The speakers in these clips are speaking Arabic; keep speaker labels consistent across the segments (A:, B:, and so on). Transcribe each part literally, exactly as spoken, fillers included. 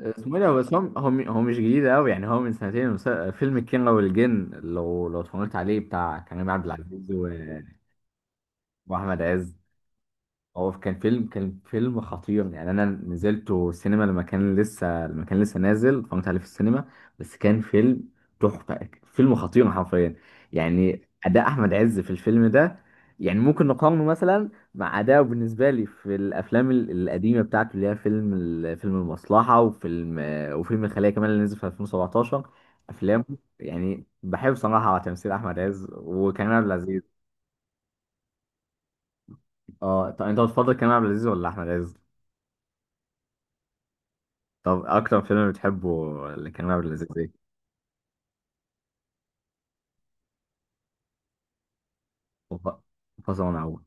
A: اسمه ايه ده؟ بس هو هو م- هو مش جديد قوي، يعني هو من سنتين. المس- فيلم الكينج والجن، لو لو اتفرجت عليه، بتاع كريم عبد العزيز و- واحمد عز. هو كان فيلم كان فيلم خطير، يعني انا نزلته سينما لما كان لسه لما كان لسه نازل، اتفرجت عليه في السينما. بس كان فيلم تحفه، فيلم خطير حرفيا. يعني اداء احمد عز في الفيلم ده، يعني ممكن نقارنه مثلا مع اداءه بالنسبه لي في الافلام ال- القديمه بتاعته، اللي هي فيلم ال- فيلم المصلحه، وفيلم وفيلم الخليه كمان اللي نزل في ألفين وسبعتاشر. افلام يعني بحب صراحه تمثيل احمد عز وكريم عبد العزيز. اه، طب انت بتفضل كريم عبد العزيز ولا احمد عز؟ طب اكتر فيلم بتحبه اللي كان معمول لذيذ ايه؟ وف- فصل ونعود.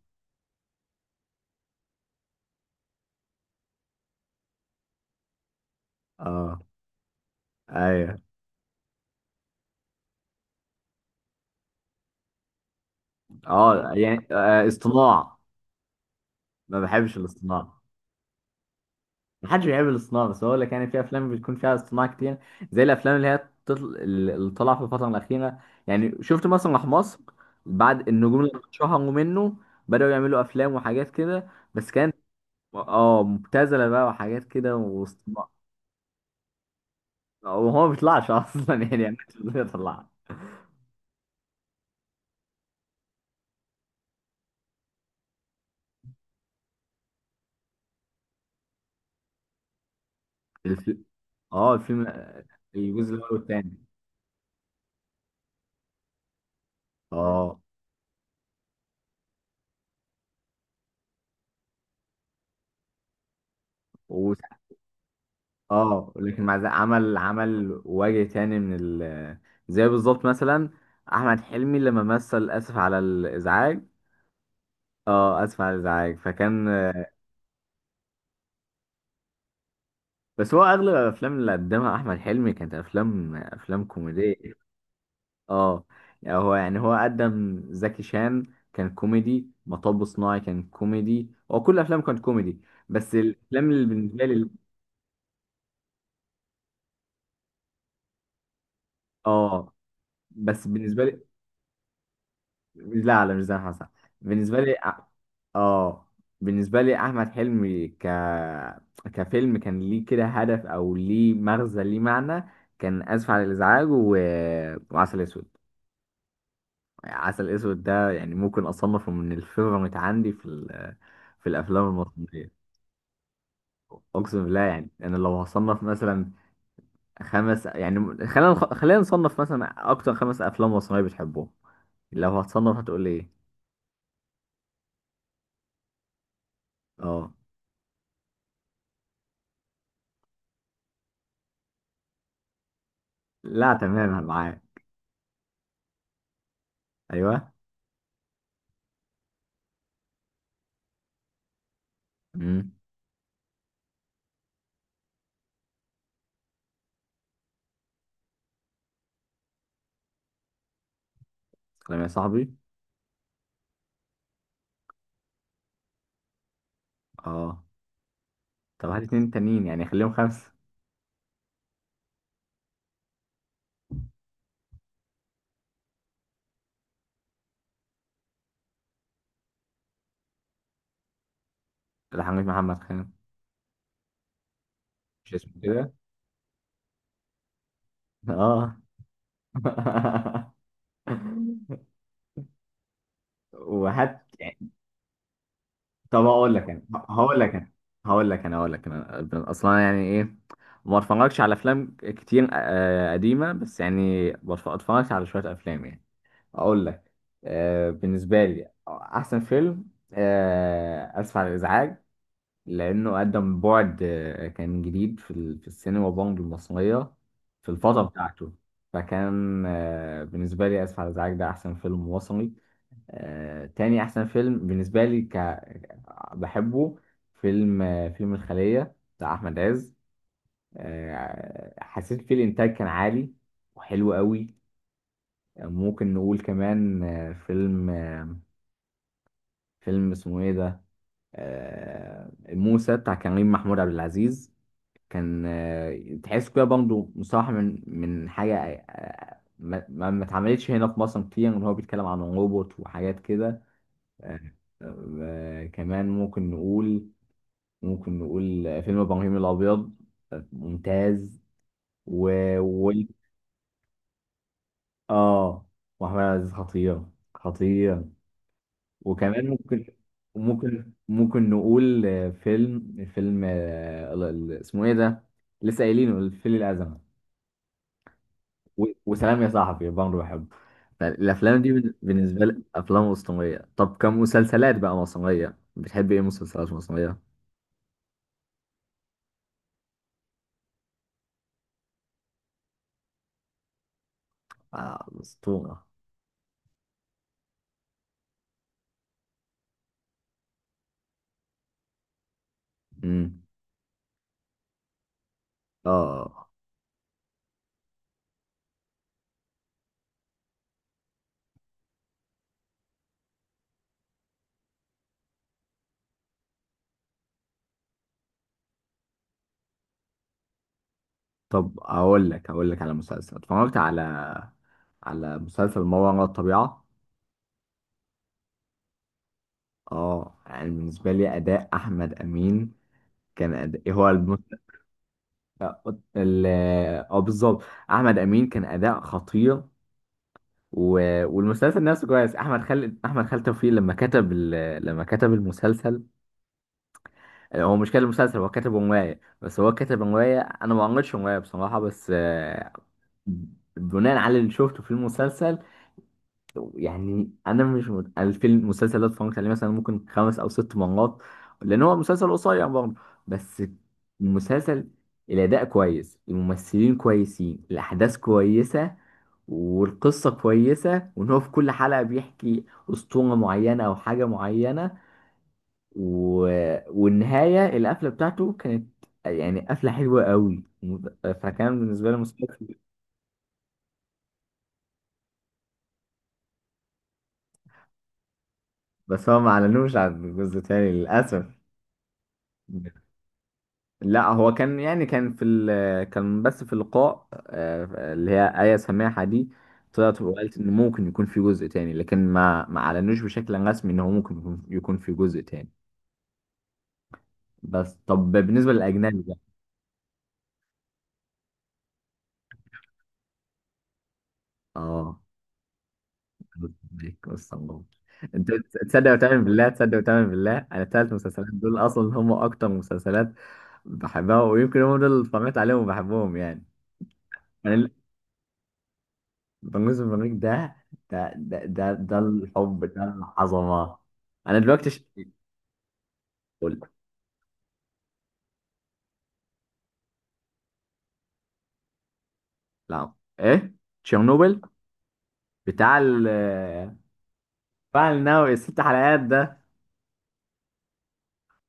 A: اه، ايوه، اه، يعني آه اصطناع. ما بحبش الاصطناع. ما حدش بيحب الاصطناع، بس هو لك يعني في افلام بتكون فيها اصطناع كتير، زي الافلام اللي هي تطل... اللي طالعه في الفتره الاخيره. يعني شفت مسرح مصر؟ بعد النجوم اللي اتشهروا منه بداوا يعملوا افلام وحاجات كده، بس كانت، اه، مبتذله بقى وحاجات كده واصطناع. وهو ما بيطلعش اصلا، يعني ما بيطلعش. اه الفيلم الجزء الاول والثاني. اه، و... اه لكن مع ذلك عمل، عمل وجه تاني من ال... زي بالظبط مثلا احمد حلمي لما مثل اسف على الازعاج. اه اسف على الازعاج، فكان، بس هو اغلب الافلام اللي قدمها احمد حلمي كانت افلام، افلام كوميديه. اه، يعني هو يعني هو قدم زكي شان، كان كوميدي، مطب صناعي كان كوميدي، هو كل افلامه كانت كوميدي. بس الافلام اللي بالنسبه لي، اه، بس بالنسبه لي، لا لا مش زي حسن. بالنسبة لي أ- اه بالنسبة لي أحمد حلمي ك كفيلم كان ليه كده هدف، أو ليه مغزى، ليه معنى. كان آسف على الإزعاج و... وعسل أسود. عسل أسود ده يعني ممكن أصنفه من الفيفوريت عندي في ال... في الأفلام المصرية. أقسم بالله، يعني أنا لو هصنف مثلا خمس، يعني خلينا نخ- خلينا نصنف مثلا أكتر خمس أفلام مصرية بتحبهم، لو هتصنف هتقول إيه؟ اه لا تمام معاك. ايوه. امم. سلام يا صاحبي. اه طب هات اتنين تانيين يعني خليهم خمسه. الحاج محمد خان، مش اسمه كده؟ اه. وهات يعني. طب هقول لك انا هقول لك انا هقول لك انا هقول لك انا اصلا يعني ايه. ما اتفرجش على افلام كتير آه، قديمه، بس يعني بتف- اتفرجت على شويه افلام يعني. اقول لك، آه، بالنسبه لي احسن فيلم آه، اسف على الازعاج، لأنه قدم بعد، آه، كان جديد في ال- في السينما بونج المصرية في الفترة مم. بتاعته. فكان، آه، بالنسبة لي آسف على الإزعاج ده أحسن فيلم مصري. آه، تاني أحسن فيلم بالنسبة لي ك... بحبه، فيلم، آه، فيلم الخلية بتاع أحمد عز. آه، حسيت فيه الإنتاج كان عالي وحلو قوي. آه، ممكن نقول كمان، آه، فيلم، آه، فيلم اسمه إيه ده، آه، موسى بتاع كريم محمود عبد العزيز. كان، آه، تحس كده برضه مصطلح من من حاجة آه، ما ما ما اتعملتش هنا في مصر كتير، إن هو بيتكلم عن روبوت وحاجات كده. آه، آه، كمان ممكن نقول، ممكن نقول آه، فيلم إبراهيم الأبيض، آه، ممتاز. و، و، آه، وأحمد عزيز خطير، خطير. وكمان ممكن، ممكن ممكن نقول، آه، فيلم، فيلم آه، ال- ال- اسمه إيه ده؟ لسه قايلينه الفيل الأزرق. و- وسلام يا صاحبي برضه بحبه. فالافلام دي بال- بالنسبه لي افلام وسطنيه. طب كمسلسلات بقى مصريه بتحب ايه، مسلسلات مصريه؟ آه اسطوره. امم. اه طب اقول لك اقول لك على مسلسل، اتفرجت على، على مسلسل ما وراء الطبيعه. اه يعني بالنسبه لي اداء احمد امين كان أداء هو الم... ال اه بالظبط، احمد امين كان اداء خطير. و... والمسلسل نفسه كويس. احمد خالد احمد خالد توفيق لما كتب ال... لما كتب المسلسل. هو مش كتب مسلسل، هو كتب روايه، بس هو كتب روايه انا ما قريتش روايه بصراحه، بس آه، بناء على اللي شفته في المسلسل. يعني انا مش مت... أنا في المسلسل ده اتفرجت عليه مثلا ممكن خمس او ست مرات، لان هو مسلسل قصير برضه. بس المسلسل الاداء كويس، الممثلين كويسين، الاحداث كويسه، والقصة كويسة، وإن هو في كل حلقة بيحكي أسطورة معينة أو حاجة معينة. و... والنهاية القفلة بتاعته كانت يعني قفلة حلوة قوي، وم- فكان بالنسبة لي مسلسل. بس هو ما أعلنوش عن جزء تاني للأسف. لا هو كان يعني كان في ال... كان بس في اللقاء آه، اللي هي آية سماحة دي طلعت وقالت إن ممكن يكون في جزء تاني، لكن ما ما أعلنوش بشكل رسمي إن هو ممكن يكون يكون في جزء تاني. بس طب بالنسبة للأجنبي، اه عليك بص الله. انت، تصدق وتعمل بالله، تصدق وتعمل بالله انا الثلاث مسلسلات دول اصلا هم اكتر مسلسلات بحبها، ويمكن هم دول اللي اتفرجت عليهم وبحبهم يعني. انا بنجوز البريك ده، ده ده ده, ده الحب، ده العظمه. انا دلوقتي ش... قول. لا ايه، تشيرنوبل؟ بتاع ال بتاع النووي، الست حلقات ده؟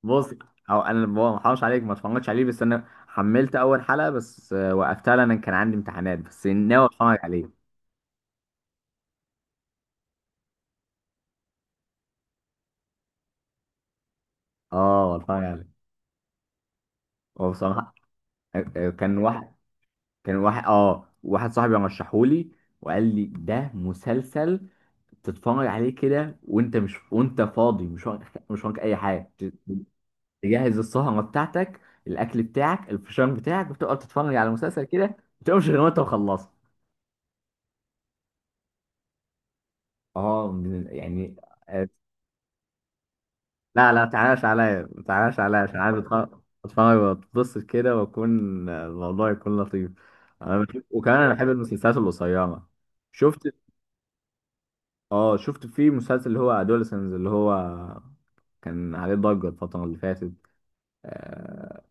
A: بص، هو انا ما حرمش عليك، ما اتفرجتش عليه، بس انا حملت اول حلقه بس، آه، وقفتها لان كان عندي امتحانات، بس ناوي اتفرج عليه. اه اتفرج عليه. هو بصراحه، آه، آه، كان واحد، كان واحد اه واحد صاحبي رشحهولي وقال لي ده مسلسل تتفرج عليه كده، وانت مش وانت فاضي، مش وراك، مش وراك اي حاجه. ت- تجهز السهره بتاعتك، الاكل بتاعك، الفشار بتاعك، وتقعد تتفرج على مسلسل كده ما تقومش غير وانت مخلصه. اه من- يعني آه، لا لا تعاش عليا، ما تعاش عليا، عشان عايز أتخ- اتفرج واتبسط كده، واكون الموضوع يكون لطيف. انا بشوف، وكمان انا بحب المسلسلات القصيره. شفت، اه شفت في مسلسل اللي هو ادولسنز، اللي هو كان عليه ضجه الفتره اللي فاتت؟ اه.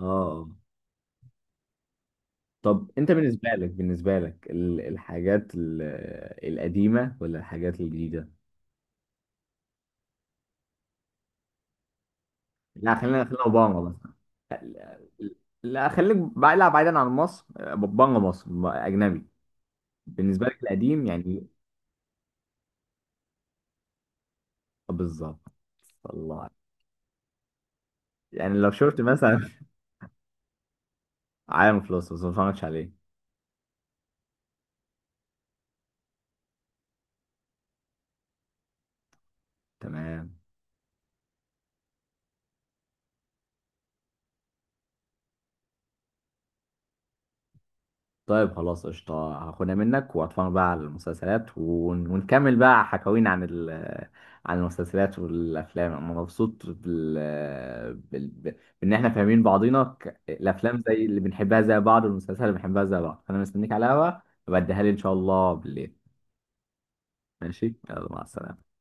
A: آه. طب انت بالنسبه لك بالنسبه لك ال- الحاجات ال- القديمه ولا الحاجات الجديده؟ لا خلينا، خلينا اوباما مثلا. لا خليك بعيد، لا، بعيدا عن مصر، آه، بره مصر، اجنبي. بالنسبة لك القديم يعني؟ آه، بالظبط، الله. يعني لو شفت مثلا، عالم فلوس، بس ما اتفرجتش عليه. تمام. طيب خلاص قشطة، هاخدها منك واتفرج بقى على المسلسلات، ون... ونكمل بقى حكاوينا عن ال... عن المسلسلات والأفلام. أنا مبسوط بال... بال... ب- بإن إحنا فاهمين بعضينا، ك... الأفلام زي اللي بنحبها زي بعض، والمسلسلات اللي بنحبها زي بعض. أنا مستنيك على القهوة وبديها لي إن شاء الله بالليل. ماشي يلا مع السلامة.